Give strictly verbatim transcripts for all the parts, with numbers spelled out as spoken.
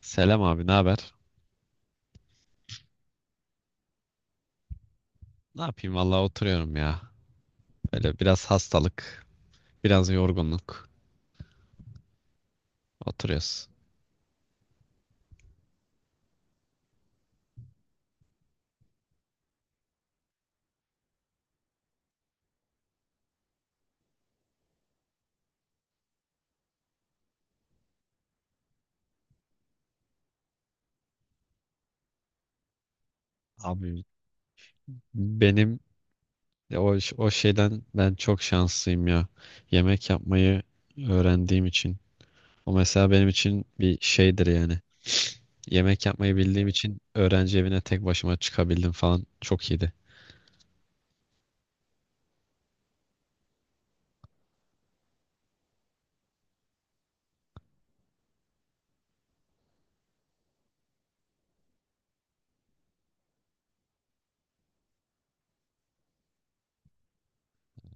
Selam abi, ne haber? Ne yapayım vallahi oturuyorum ya. Böyle biraz hastalık, biraz yorgunluk. Oturuyoruz. Abi benim o o şeyden ben çok şanslıyım ya. Yemek yapmayı öğrendiğim için. O mesela benim için bir şeydir yani. Yemek yapmayı bildiğim için öğrenci evine tek başıma çıkabildim falan. Çok iyiydi.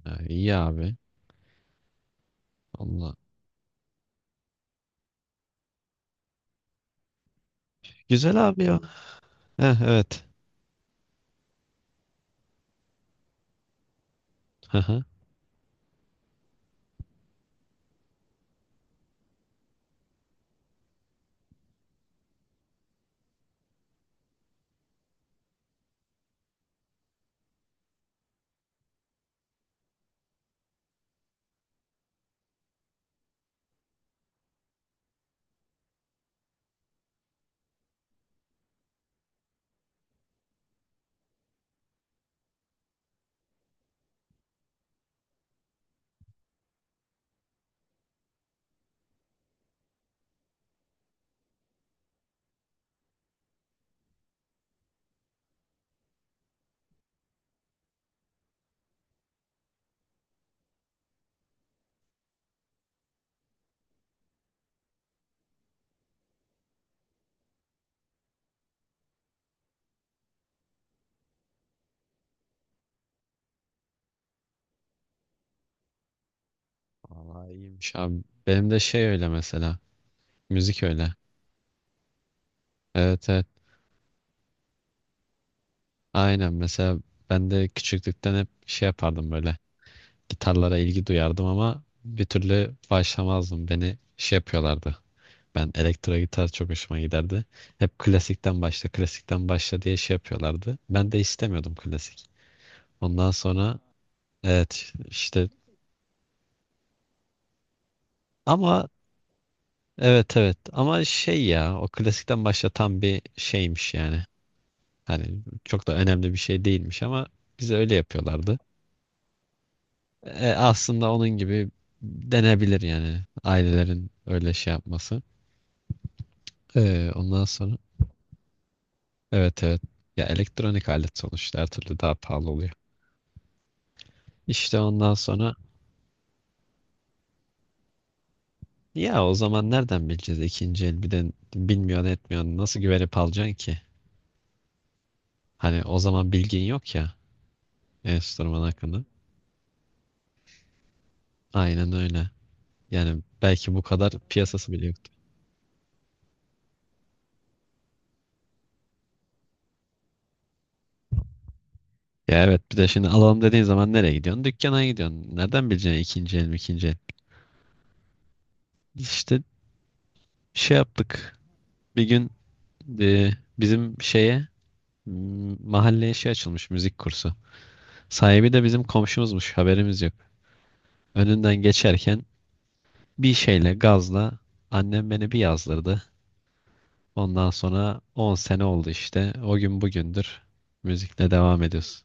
Ha, iyi abi. Allah. Güzel abi ya. Heh, evet. Hı hı. Vallahi iyiymiş abi. Benim de şey öyle mesela. Müzik öyle. Evet, evet. Aynen mesela ben de küçüklükten hep şey yapardım böyle. Gitarlara ilgi duyardım ama bir türlü başlamazdım. Beni şey yapıyorlardı. Ben elektro gitar çok hoşuma giderdi. Hep klasikten başla, klasikten başla diye şey yapıyorlardı. Ben de istemiyordum klasik. Ondan sonra evet işte ama evet evet ama şey ya o klasikten başlatan bir şeymiş yani. Hani çok da önemli bir şey değilmiş ama bize öyle yapıyorlardı. E, aslında onun gibi denebilir yani ailelerin öyle şey yapması. E, ondan sonra evet evet ya elektronik alet sonuçta her türlü daha pahalı oluyor. İşte ondan sonra ya o zaman nereden bileceğiz ikinci el, bir de bilmiyorsun etmiyorsun, nasıl güvenip alacaksın ki? Hani o zaman bilgin yok ya enstrüman hakkında. Aynen öyle. Yani belki bu kadar piyasası bile yoktu. Ya evet, bir de şimdi alalım dediğin zaman nereye gidiyorsun? Dükkana gidiyorsun. Nereden bileceksin ikinci el mi ikinci el? İşte şey yaptık. Bir gün e, bizim şeye m- mahalleye şey açılmış müzik kursu. Sahibi de bizim komşumuzmuş, haberimiz yok. Önünden geçerken bir şeyle gazla annem beni bir yazdırdı. Ondan sonra on sene oldu işte. O gün bugündür müzikle devam ediyoruz.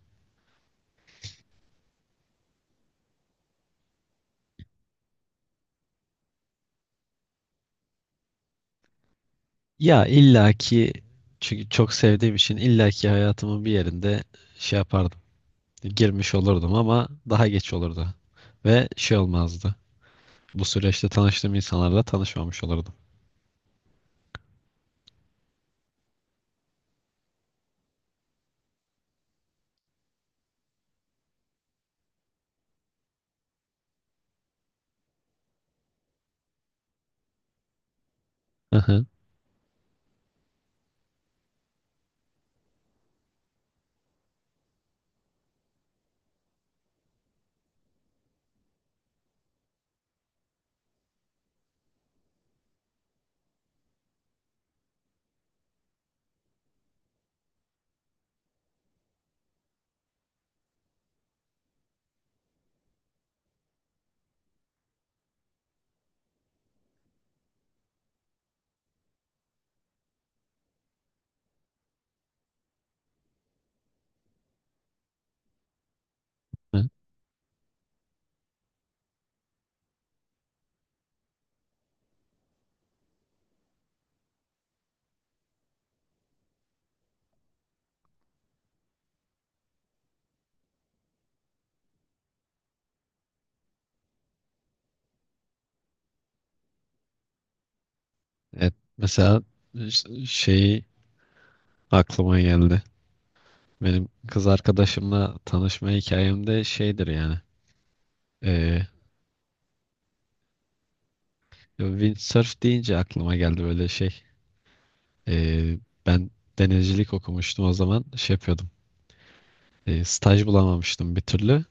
Ya illaki, çünkü çok sevdiğim için illaki hayatımın bir yerinde şey yapardım. Girmiş olurdum ama daha geç olurdu. Ve şey olmazdı. Bu süreçte tanıştığım insanlarla tanışmamış olurdum. Hı hı, hı. Evet, mesela ş- şey aklıma geldi. Benim kız arkadaşımla tanışma hikayemde şeydir yani. E, Windsurf deyince aklıma geldi böyle şey. E, Ben denizcilik okumuştum, o zaman şey yapıyordum. E, staj bulamamıştım bir türlü.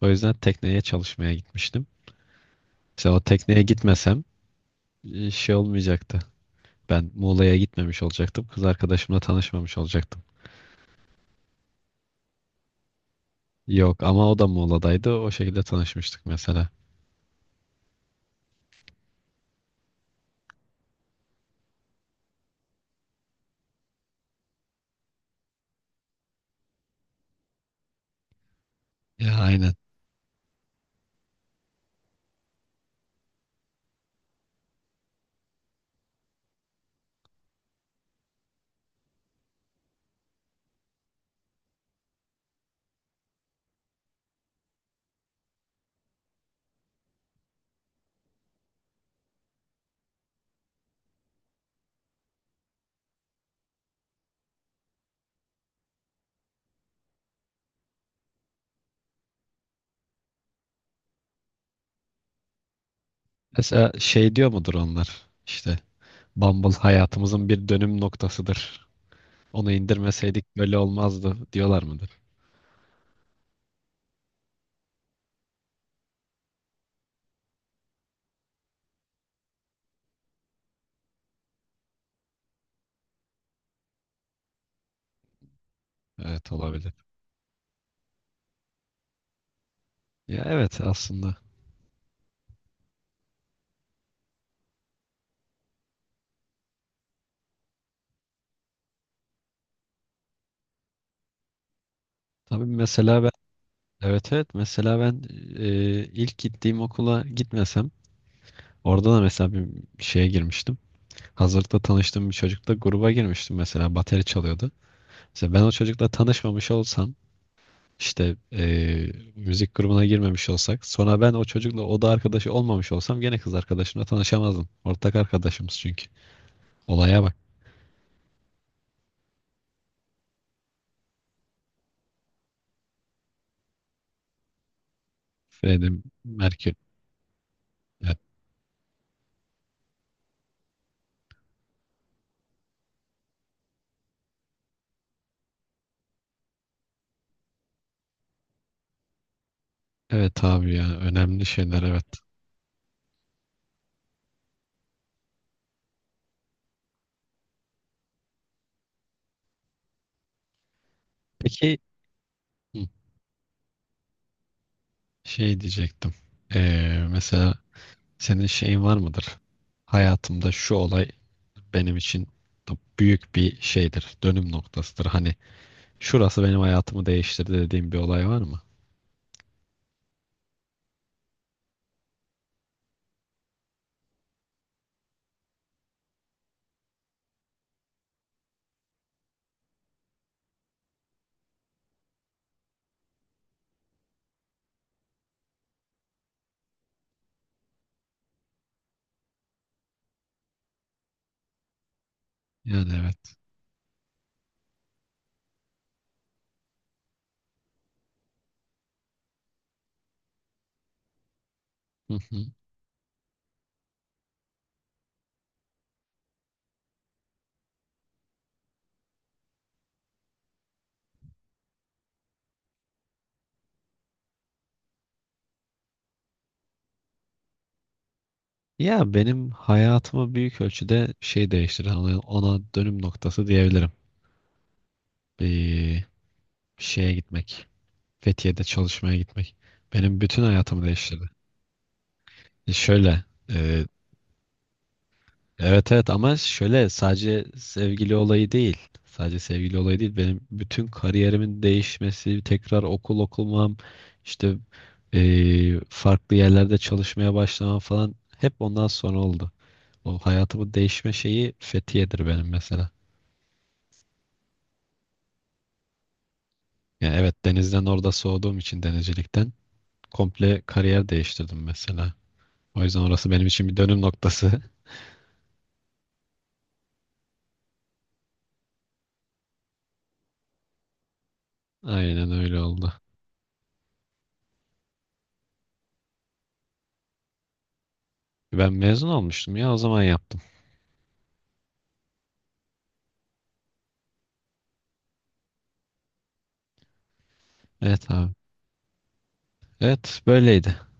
O yüzden tekneye çalışmaya gitmiştim. Mesela o tekneye gitmesem e, şey olmayacaktı. Ben Muğla'ya gitmemiş olacaktım. Kız arkadaşımla tanışmamış olacaktım. Yok ama o da Muğla'daydı. O şekilde tanışmıştık mesela. Ya aynen. Mesela şey diyor mudur onlar? İşte Bumble hayatımızın bir dönüm noktasıdır. Onu indirmeseydik böyle olmazdı diyorlar mıdır? Evet, olabilir. Ya evet aslında. Tabii mesela ben evet evet mesela ben e, ilk gittiğim okula gitmesem, orada da mesela bir şeye girmiştim. Hazırda tanıştığım bir çocukla gruba girmiştim, mesela bateri çalıyordu. Mesela ben o çocukla tanışmamış olsam, İşte eee, müzik grubuna girmemiş olsak, sonra ben o çocukla oda arkadaşı olmamış olsam gene kız arkadaşımla tanışamazdım. Ortak arkadaşımız çünkü. Olaya bak. Freddie Mercury. E- Evet abi ya, önemli şeyler, evet. Peki hı, şey diyecektim. Eee, mesela senin şeyin var mıdır? Hayatımda şu olay benim için da büyük bir şeydir. Dönüm noktasıdır. Hani şurası benim hayatımı değiştirdi dediğim bir olay var mı? Yani evet. Hı hı. Ya benim hayatımı büyük ölçüde şey değiştiren ona, ona dönüm noktası diyebilirim. Bir şeye gitmek. Fethiye'de çalışmaya gitmek. Benim bütün hayatımı değiştirdi. E şöyle, e, evet evet ama şöyle, sadece sevgili olayı değil. Sadece sevgili olayı değil. Benim bütün kariyerimin değişmesi, tekrar okul okumam, işte e, farklı yerlerde çalışmaya başlamam falan hep ondan sonra oldu. O hayatımı değişme şeyi Fethiye'dir benim mesela. Yani evet, denizden orada soğuduğum için denizcilikten komple kariyer değiştirdim mesela. O yüzden orası benim için bir dönüm noktası. Aynen öyle oldu. Ben mezun olmuştum ya, o zaman yaptım. Evet abi. Evet, böyleydi.